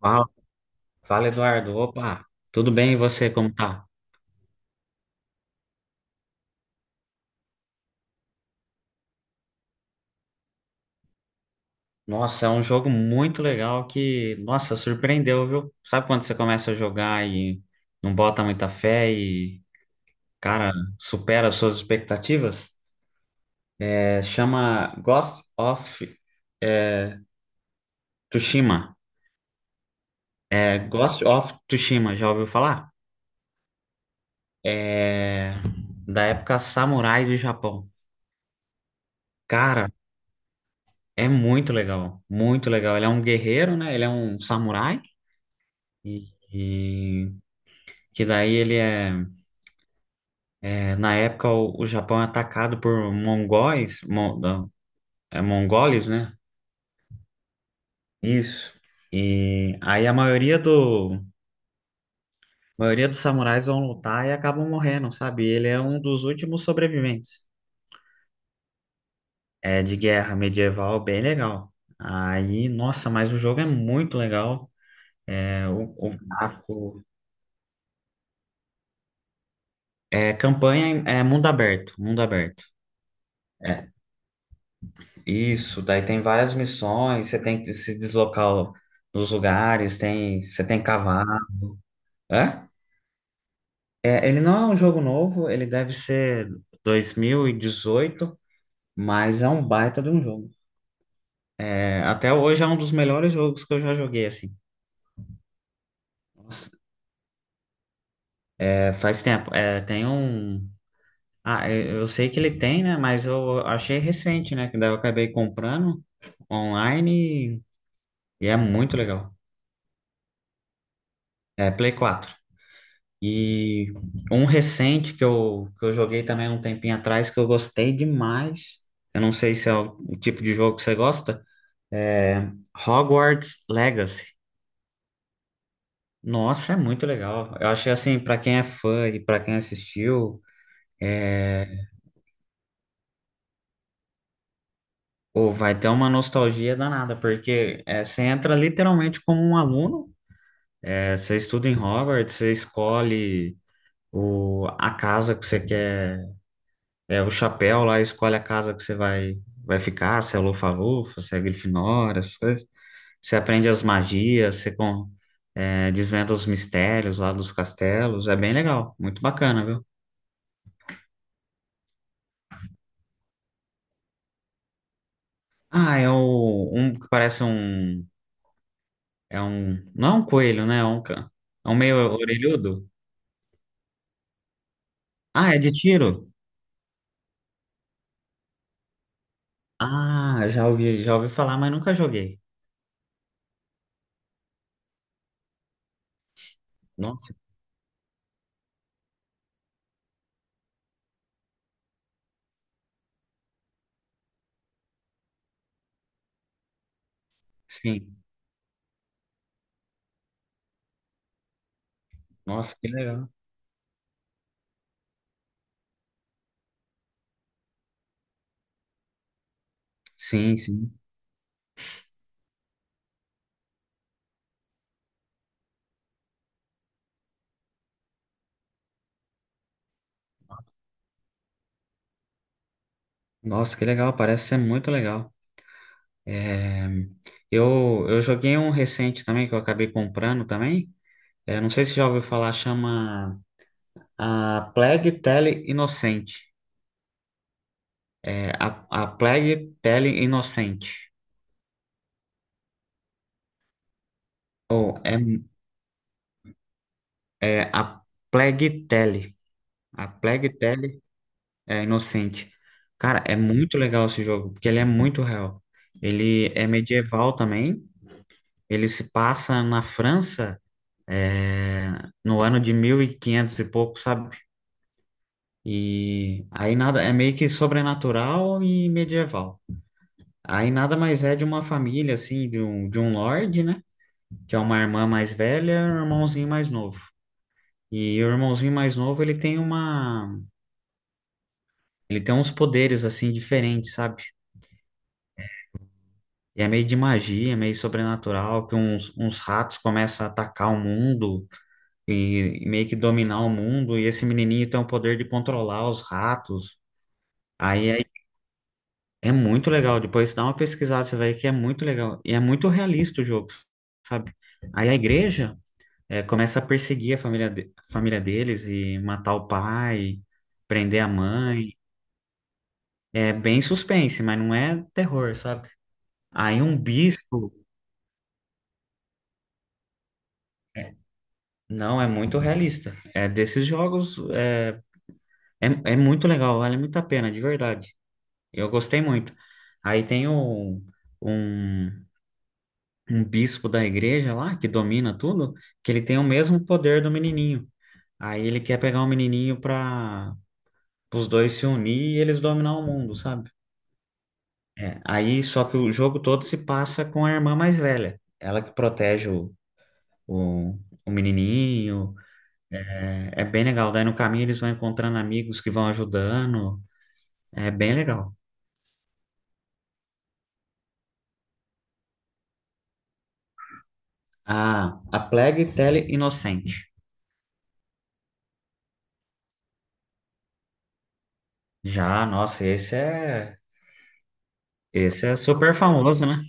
Fala, fala, Eduardo. Opa, tudo bem e você, como tá? Nossa, é um jogo muito legal que, nossa, surpreendeu, viu? Sabe quando você começa a jogar e não bota muita fé e, cara, supera as suas expectativas? É, chama Ghost of é, Tsushima. É, Ghost of Tsushima, já ouviu falar? É da época samurai do Japão. Cara, é muito legal, muito legal. Ele é um guerreiro, né? Ele é um samurai e, que daí ele é, na época o Japão é atacado por mongóis, não, mongoles, né? Isso. E aí a maioria dos samurais vão lutar e acabam morrendo, sabe? Ele é um dos últimos sobreviventes. É de guerra medieval, bem legal. Aí, nossa, mas o jogo é muito legal. É o, o gráfico, é campanha, é mundo aberto, mundo aberto. É, isso, daí tem várias missões, você tem que se deslocar nos lugares, tem, você tem que cavar. É? É, ele não é um jogo novo, ele deve ser 2018, mas é um baita de um jogo. É, até hoje é um dos melhores jogos que eu já joguei, assim. Nossa. É, faz tempo. É, tem um. Ah, eu sei que ele tem, né? Mas eu achei recente, né? Que daí eu acabei comprando online e é muito legal. É Play 4. E um recente que eu joguei também um tempinho atrás que eu gostei demais. Eu não sei se é o tipo de jogo que você gosta. É Hogwarts Legacy. Nossa, é muito legal. Eu achei assim, pra quem é fã e pra quem assistiu, é, pô, vai ter uma nostalgia danada, porque você entra literalmente como um aluno. É, você estuda em Hogwarts, você escolhe a casa que você quer. É, o chapéu lá escolhe a casa que você vai ficar, se é Lufa-Lufa, se é Grifinória, essas coisas. Você aprende as magias, desvenda os mistérios lá dos castelos. É bem legal, muito bacana, viu? Ah, é um que parece um... É um... Não é um coelho, né? É um meio orelhudo. Ah, é de tiro? Ah, já ouvi falar, mas nunca joguei. Nossa, sim. Nossa, que legal. Sim, sim. Nossa, que legal. Parece ser muito legal. É, eu joguei um recente também que eu acabei comprando também. É, não sei se já ouviu falar, chama a Plague Tale Inocente. É, a Plague Tale Inocente. Ou é a Plague Tale. A Plague Tale é Inocente. Cara, é muito legal esse jogo, porque ele é muito real. Ele é medieval também. Ele se passa na França, é, no ano de 1500 e pouco, sabe? E aí nada, é meio que sobrenatural e medieval. Aí nada mais é de uma família, assim, de um lorde, né? Que é uma irmã mais velha e um irmãozinho mais novo. E o irmãozinho mais novo, ele tem uma... Ele tem uns poderes, assim, diferentes, sabe? E é meio de magia, é meio sobrenatural, que uns ratos começam a atacar o mundo e meio que dominar o mundo. E esse menininho tem o poder de controlar os ratos. Aí é muito legal. Depois dá uma pesquisada, você vai ver que é muito legal. E é muito realista o jogo, sabe? Aí a igreja começa a perseguir a família, a família deles e matar o pai, prender a mãe. É bem suspense, mas não é terror, sabe? Aí um bispo. é, Não, é muito realista. É desses jogos. É, é, muito legal, vale muito a pena, de verdade. Eu gostei muito. Aí tem um um bispo da igreja lá, que domina tudo, que ele tem o mesmo poder do menininho. Aí ele quer pegar o menininho para os dois se unir e eles dominar o mundo, sabe? É, aí só que o jogo todo se passa com a irmã mais velha. Ela que protege o, o menininho. É, é bem legal. Daí no caminho eles vão encontrando amigos que vão ajudando. É bem legal. Ah, A Plague Tale Inocente. Já, nossa, esse é super famoso, né?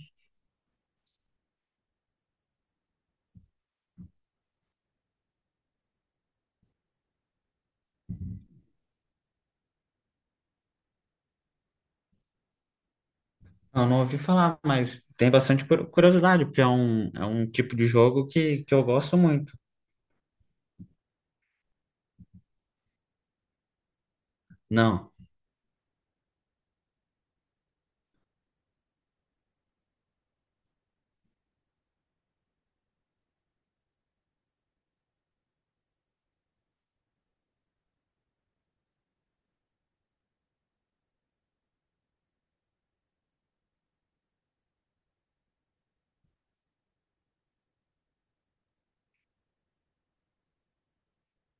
Eu não ouvi falar, mas tem bastante curiosidade, porque é um tipo de jogo que eu gosto muito. Não,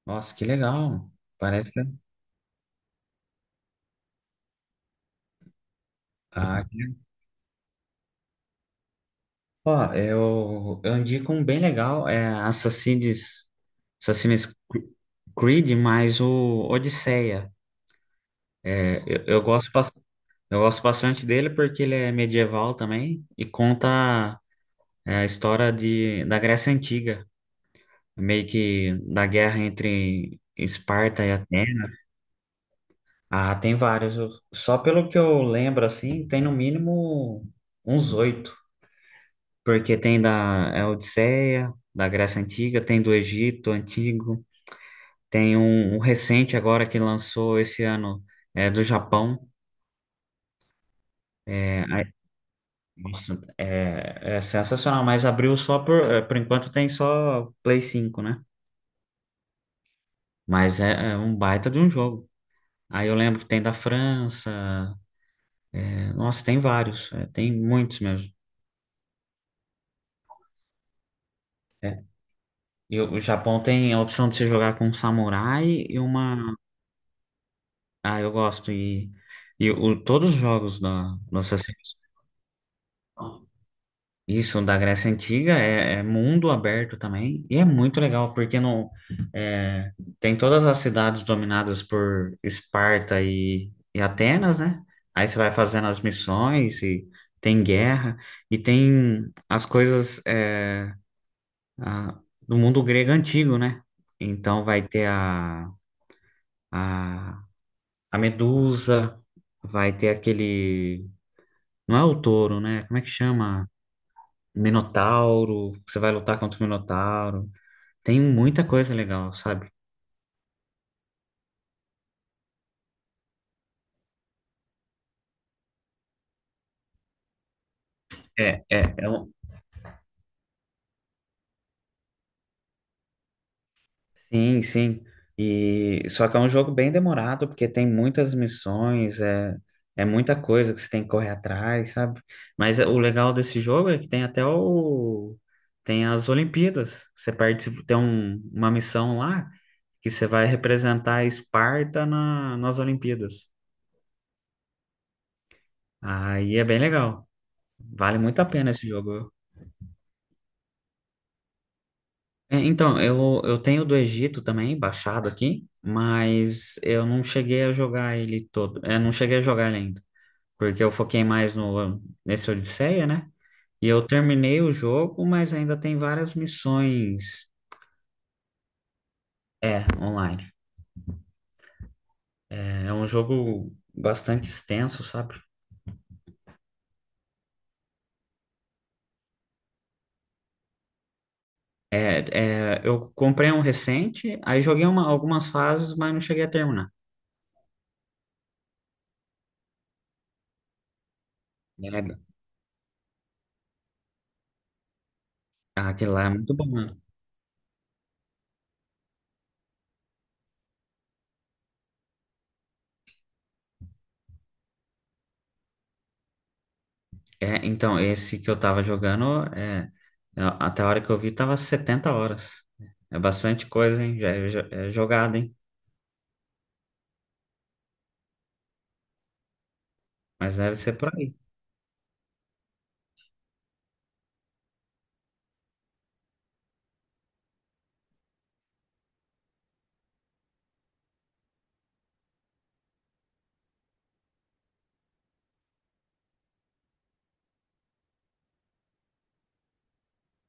nossa, que legal. Parece. Ah, ó, eu indico um bem legal, é Assassin's, Assassin's Creed, mas o Odisseia. É, eu gosto bastante dele porque ele é medieval também e conta a história da Grécia Antiga, meio que da guerra entre Esparta e Atenas. Ah, tem vários. Só pelo que eu lembro, assim, tem no mínimo uns oito. Porque tem da Odisseia, da Grécia Antiga, tem do Egito Antigo, tem um recente agora que lançou esse ano, é do Japão. É, ai, nossa, é sensacional, mas abriu só por... Por enquanto tem só Play 5, né? Mas é um baita de um jogo. Aí eu lembro que tem da França. Nossa, tem vários. Tem muitos mesmo. E o Japão tem a opção de você jogar com um samurai e uma. Ah, eu gosto. E, todos os jogos dessa seleção. Isso, da Grécia Antiga, é mundo aberto também. E é muito legal, porque não, é, tem todas as cidades dominadas por Esparta e Atenas, né? Aí você vai fazendo as missões e tem guerra. E tem as coisas a- do mundo grego antigo, né? Então vai ter A, a Medusa, vai ter aquele. Não é o touro, né? Como é que chama? Minotauro. Você vai lutar contra o Minotauro. Tem muita coisa legal, sabe? É um... Sim, sim. E só que é um jogo bem demorado, porque tem muitas missões, é muita coisa que você tem que correr atrás, sabe? Mas o legal desse jogo é que tem até o tem as Olimpíadas. Você participa, tem uma missão lá que você vai representar a Esparta nas Olimpíadas. Aí é bem legal. Vale muito a pena esse jogo. É, então, eu tenho do Egito também, baixado aqui, mas eu não cheguei a jogar ele todo. Eu não cheguei a jogar ele ainda, porque eu foquei mais no, nesse Odisseia, né? E eu terminei o jogo, mas ainda tem várias missões, é, online. É um jogo bastante extenso, sabe? É, eu comprei um recente, aí joguei algumas fases, mas não cheguei a terminar. É, ah, aquele lá é muito bom, né? É, então, esse que eu tava jogando, até a hora que eu vi, tava 70 horas. É bastante coisa, hein? Já é jogada, hein? Mas deve ser por aí.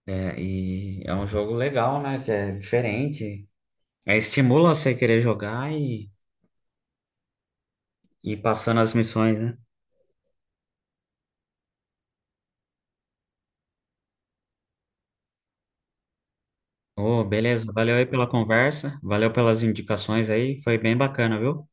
É, e é um jogo legal, né? Que é diferente. É, estimula você querer jogar e ir passando as missões, né? Ô, beleza. Valeu aí pela conversa. Valeu pelas indicações aí. Foi bem bacana, viu?